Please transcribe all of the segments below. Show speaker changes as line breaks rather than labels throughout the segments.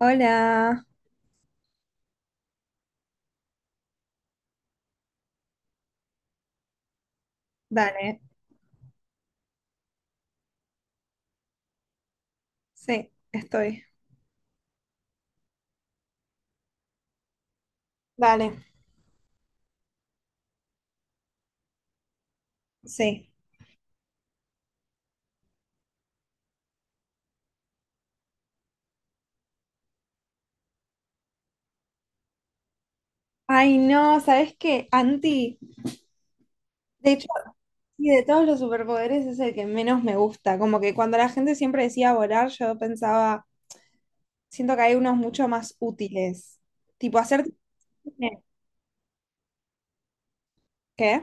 Hola, dale, sí, estoy. Dale. Sí. Ay, no, ¿sabes qué? Anti, de hecho, sí, de todos los superpoderes es el que menos me gusta. Como que cuando la gente siempre decía volar, yo pensaba, siento que hay unos mucho más útiles. Tipo, hacer... ¿Qué?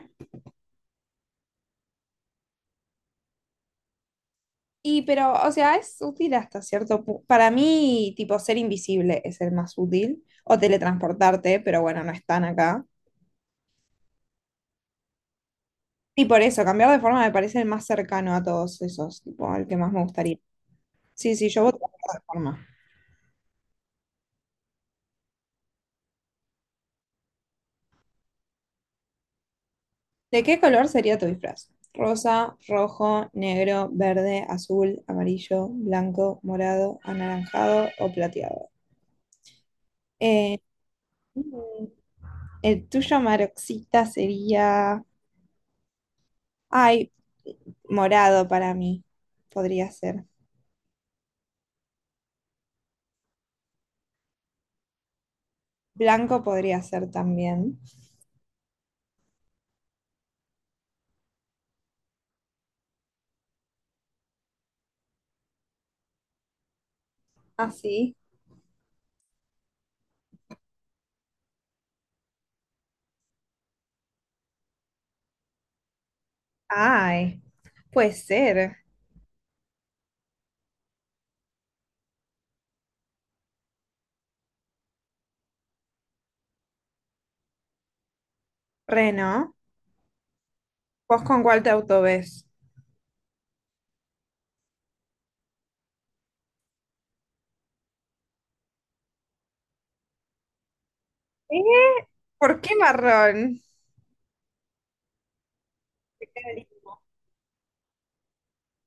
Y pero, o sea, es útil hasta cierto punto. Para mí, tipo, ser invisible es el más útil. O teletransportarte, pero bueno, no están acá. Y por eso, cambiar de forma me parece el más cercano a todos esos, tipo, el que más me gustaría. Sí, sí, yo voto por la reforma. ¿De qué color sería tu disfraz? Rosa, rojo, negro, verde, azul, amarillo, blanco, morado, anaranjado o plateado. Eh, mm, el tuyo, Maroxita, sería... Ay, morado para mí. Podría ser. Blanco podría ser también. ¿Así? Ay, puede ser. Reno, ¿vos con cuál te auto ves? ¿Eh? ¿Por qué marrón? Me queda lindo.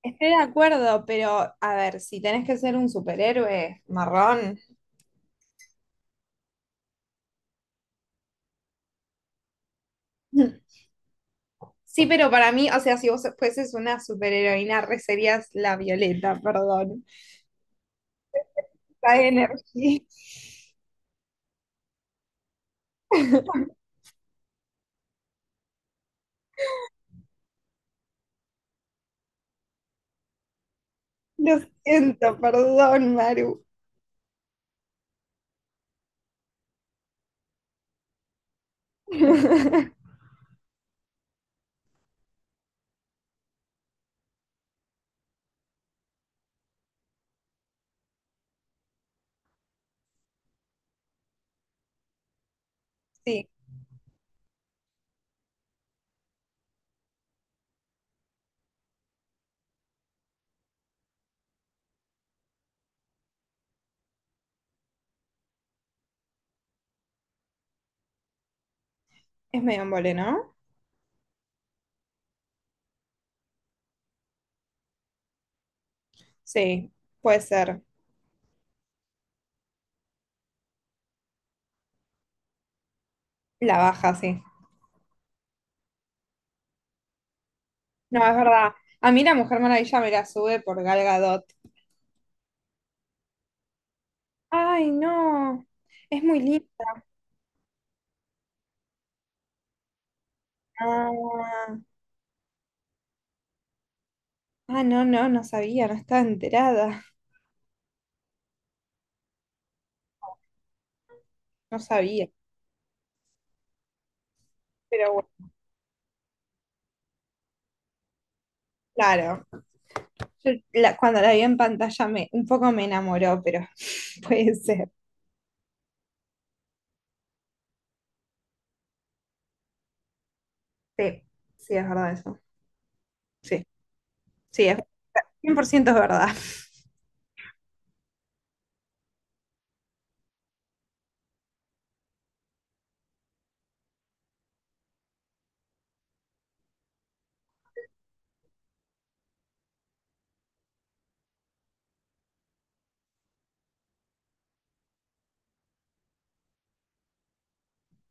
Estoy de acuerdo, pero a ver, si tenés que ser un superhéroe marrón. Sí, pero para mí, o sea, si vos fueses una superheroína, re serías la Violeta, perdón. La energía. Lo siento, perdón, Maru. Sí, es medio embole, ¿no? Sí, puede ser. La baja, sí. No, es verdad. A mí la Mujer Maravilla me la sube por Gal Gadot. Ay, no. Es muy linda. Ah, no, no, no sabía, no estaba enterada. No sabía, pero bueno, claro. Yo la- cuando la vi en pantalla me, un poco me enamoró, pero puede ser. Sí, sí, es verdad eso. Sí, sí, es 100% es verdad.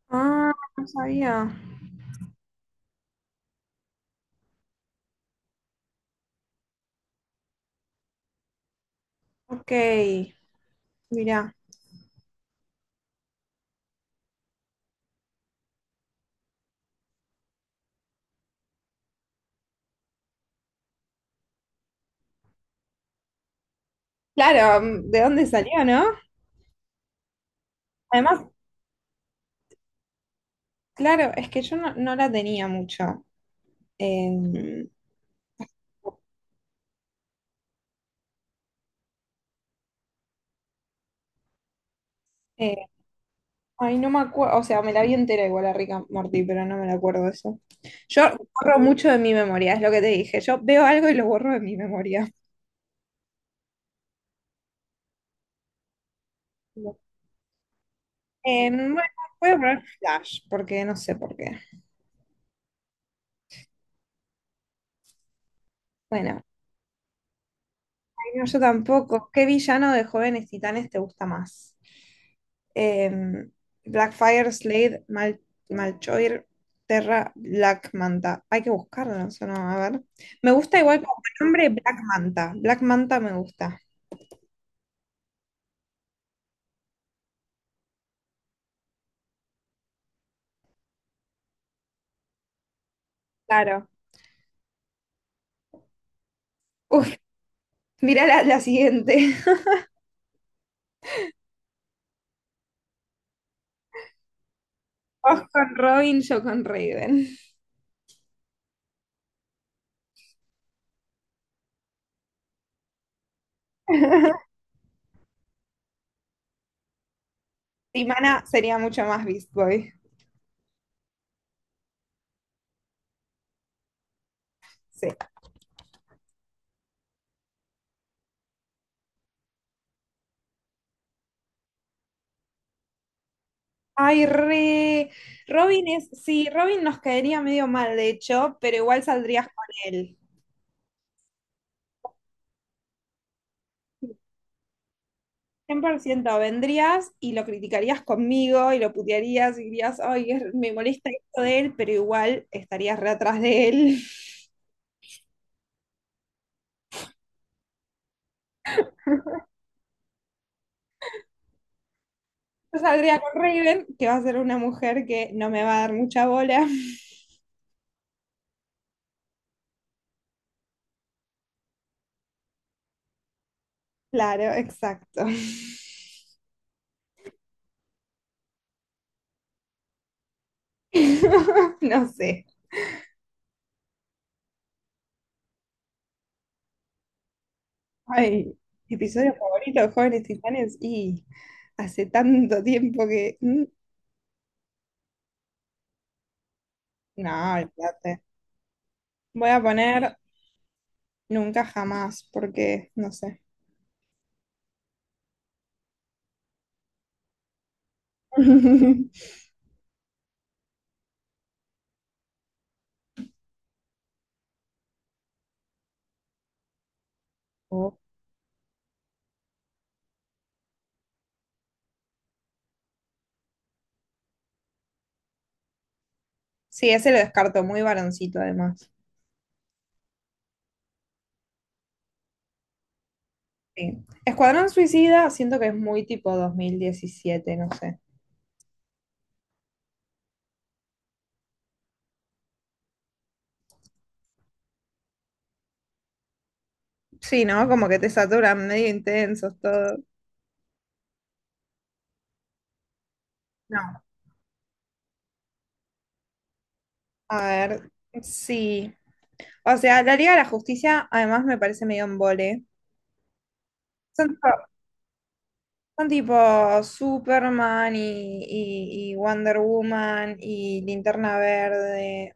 Ah, no sabía. Ok, mira. Claro, mm, ¿de dónde salió, no? Además, claro, es que yo no, no la tenía mucho. Eh, Ay, no me acuerdo, o sea, me la vi entera igual a Rick and Morty, pero no me la acuerdo de eso. Yo borro mucho de mi memoria, es lo que te dije. Yo veo algo y lo borro de mi memoria. Bueno, voy a poner Flash, porque no sé por qué. Bueno, ay, no, yo tampoco. ¿Qué villano de Jóvenes Titanes te gusta más? Em, Blackfire, Slade, Malchoir, Terra, Black Manta. Hay que buscarlo, eso no, a ver. Me gusta igual como nombre Black Manta. Black Manta me gusta. Claro. Uf, mirá la siguiente. Vos con Robin, yo con Raven. Timana sería mucho más Beast Boy. Sí. Ay, re. Robin es. Sí, Robin nos caería medio mal, de hecho, pero igual saldrías con él. 100% vendrías y lo criticarías conmigo y lo putearías y dirías, ay, es- me molesta esto de él, pero igual estarías re atrás de él. Yo saldría con Raven, que va a ser una mujer que no me va a dar mucha bola. Claro, exacto. No sé. Ay, episodio favorito de Jóvenes Titanes y hace tanto tiempo que... mm, no, olvídate. Voy a poner nunca jamás porque no sé. Oh. Sí, ese lo descarto, muy varoncito además. Sí. Escuadrón Suicida, siento que es muy tipo 2017, no sé. Sí, ¿no? Como que te saturan medio intensos todo. No, a ver, sí. O sea, la Liga de la Justicia además me parece medio embole. Son Son tipo Superman y Wonder Woman y Linterna Verde.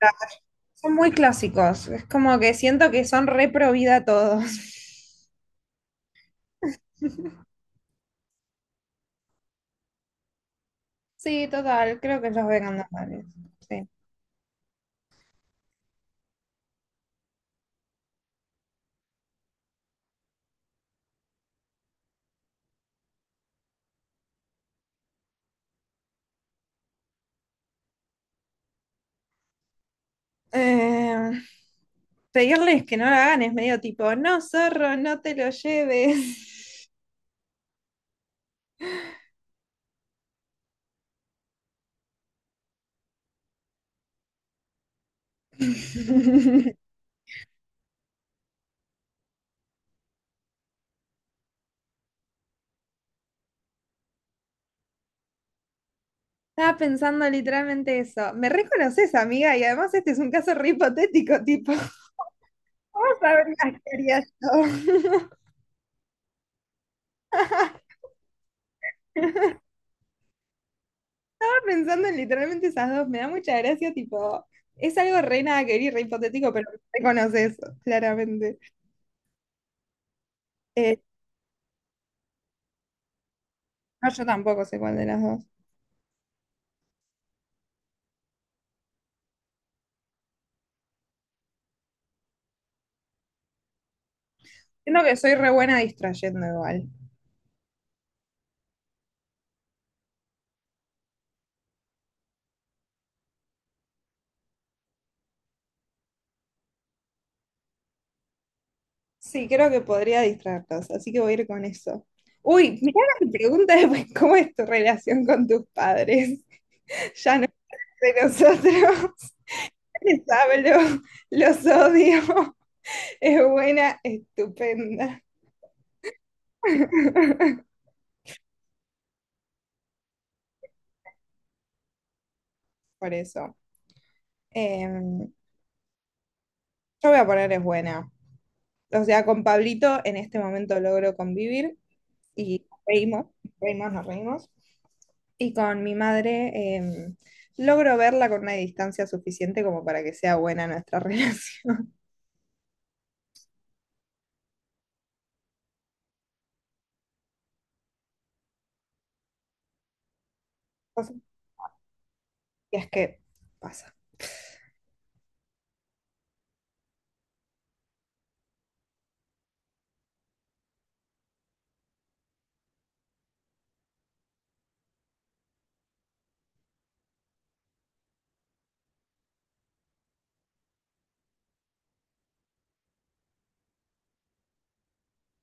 Ah, son muy clásicos. Es como que siento que son re pro vida todos. Sí, total, creo que los vegan normales. Sí. Eh, Pedirles que no la hagan es medio tipo, no, zorro, no te lo lleves. Estaba pensando literalmente eso. Me reconoces, amiga, y además este es un caso re hipotético, tipo, vamos a ver las que haría yo. Estaba pensando en literalmente esas dos, me da mucha gracia, tipo, es algo re nada que ver y re hipotético, pero reconoce eso, claramente. Eh, no, yo tampoco sé cuál de las dos. Siento que soy re buena distrayendo igual. Sí, creo que podría distraerlos, así que voy a ir con eso. Uy, mirá la pregunta después, ¿cómo es tu relación con tus padres? Ya no es de nosotros, les hablo, los odio, es buena, estupenda. Por eso. Em, Yo voy a poner es buena. O sea, con Pablito en este momento logro convivir y reímos, nos reímos. Y con mi madre logro verla con una distancia suficiente como para que sea buena nuestra relación. Y es que pasa.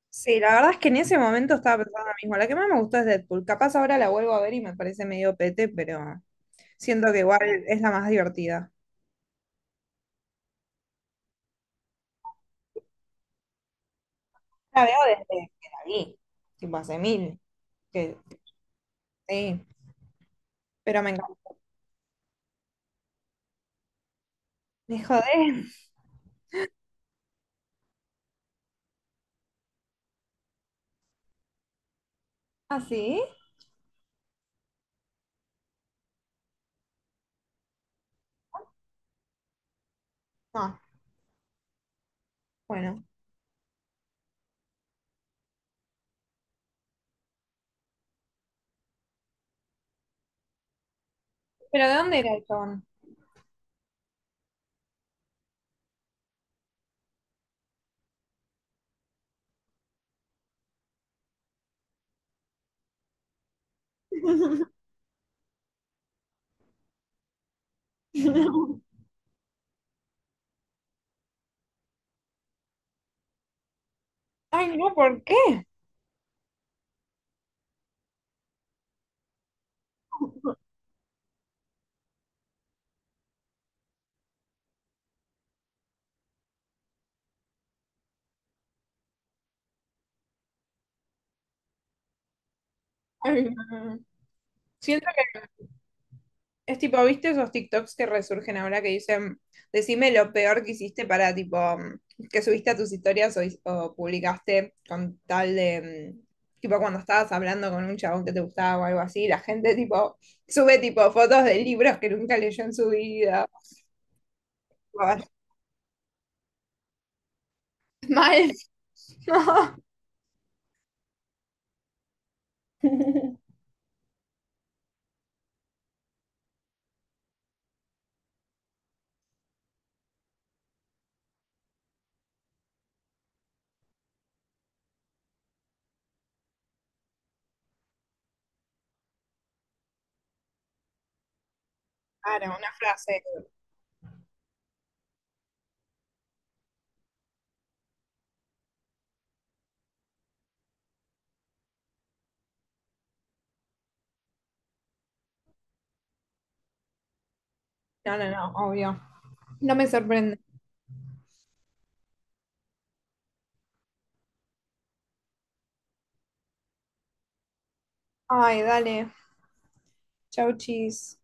Sí, la verdad es que en ese momento estaba pensando lo mismo. La que más me gustó es Deadpool. Capaz ahora la vuelvo a ver y me parece medio pete, pero siento que igual es la más divertida. La veo desde que la vi, tipo hace mil. Que, sí, pero me encanta. Me jodé. ¿Ah, sí? No, bueno. ¿Pero de dónde era el chabón? Ay, no, ¿por qué? Ay, mm, siento que es tipo, ¿viste esos TikToks que resurgen ahora que dicen, decime lo peor que hiciste para tipo, mm, que subiste a tus historias o publicaste con tal de, mm, tipo, cuando estabas hablando con un chabón que te gustaba o algo así, la gente tipo, sube tipo fotos de libros que nunca leyó en su vida. Ay, mal. no. Claro, una frase. No, no, no, obvio. No me sorprende. Ay, dale. Chau, chis.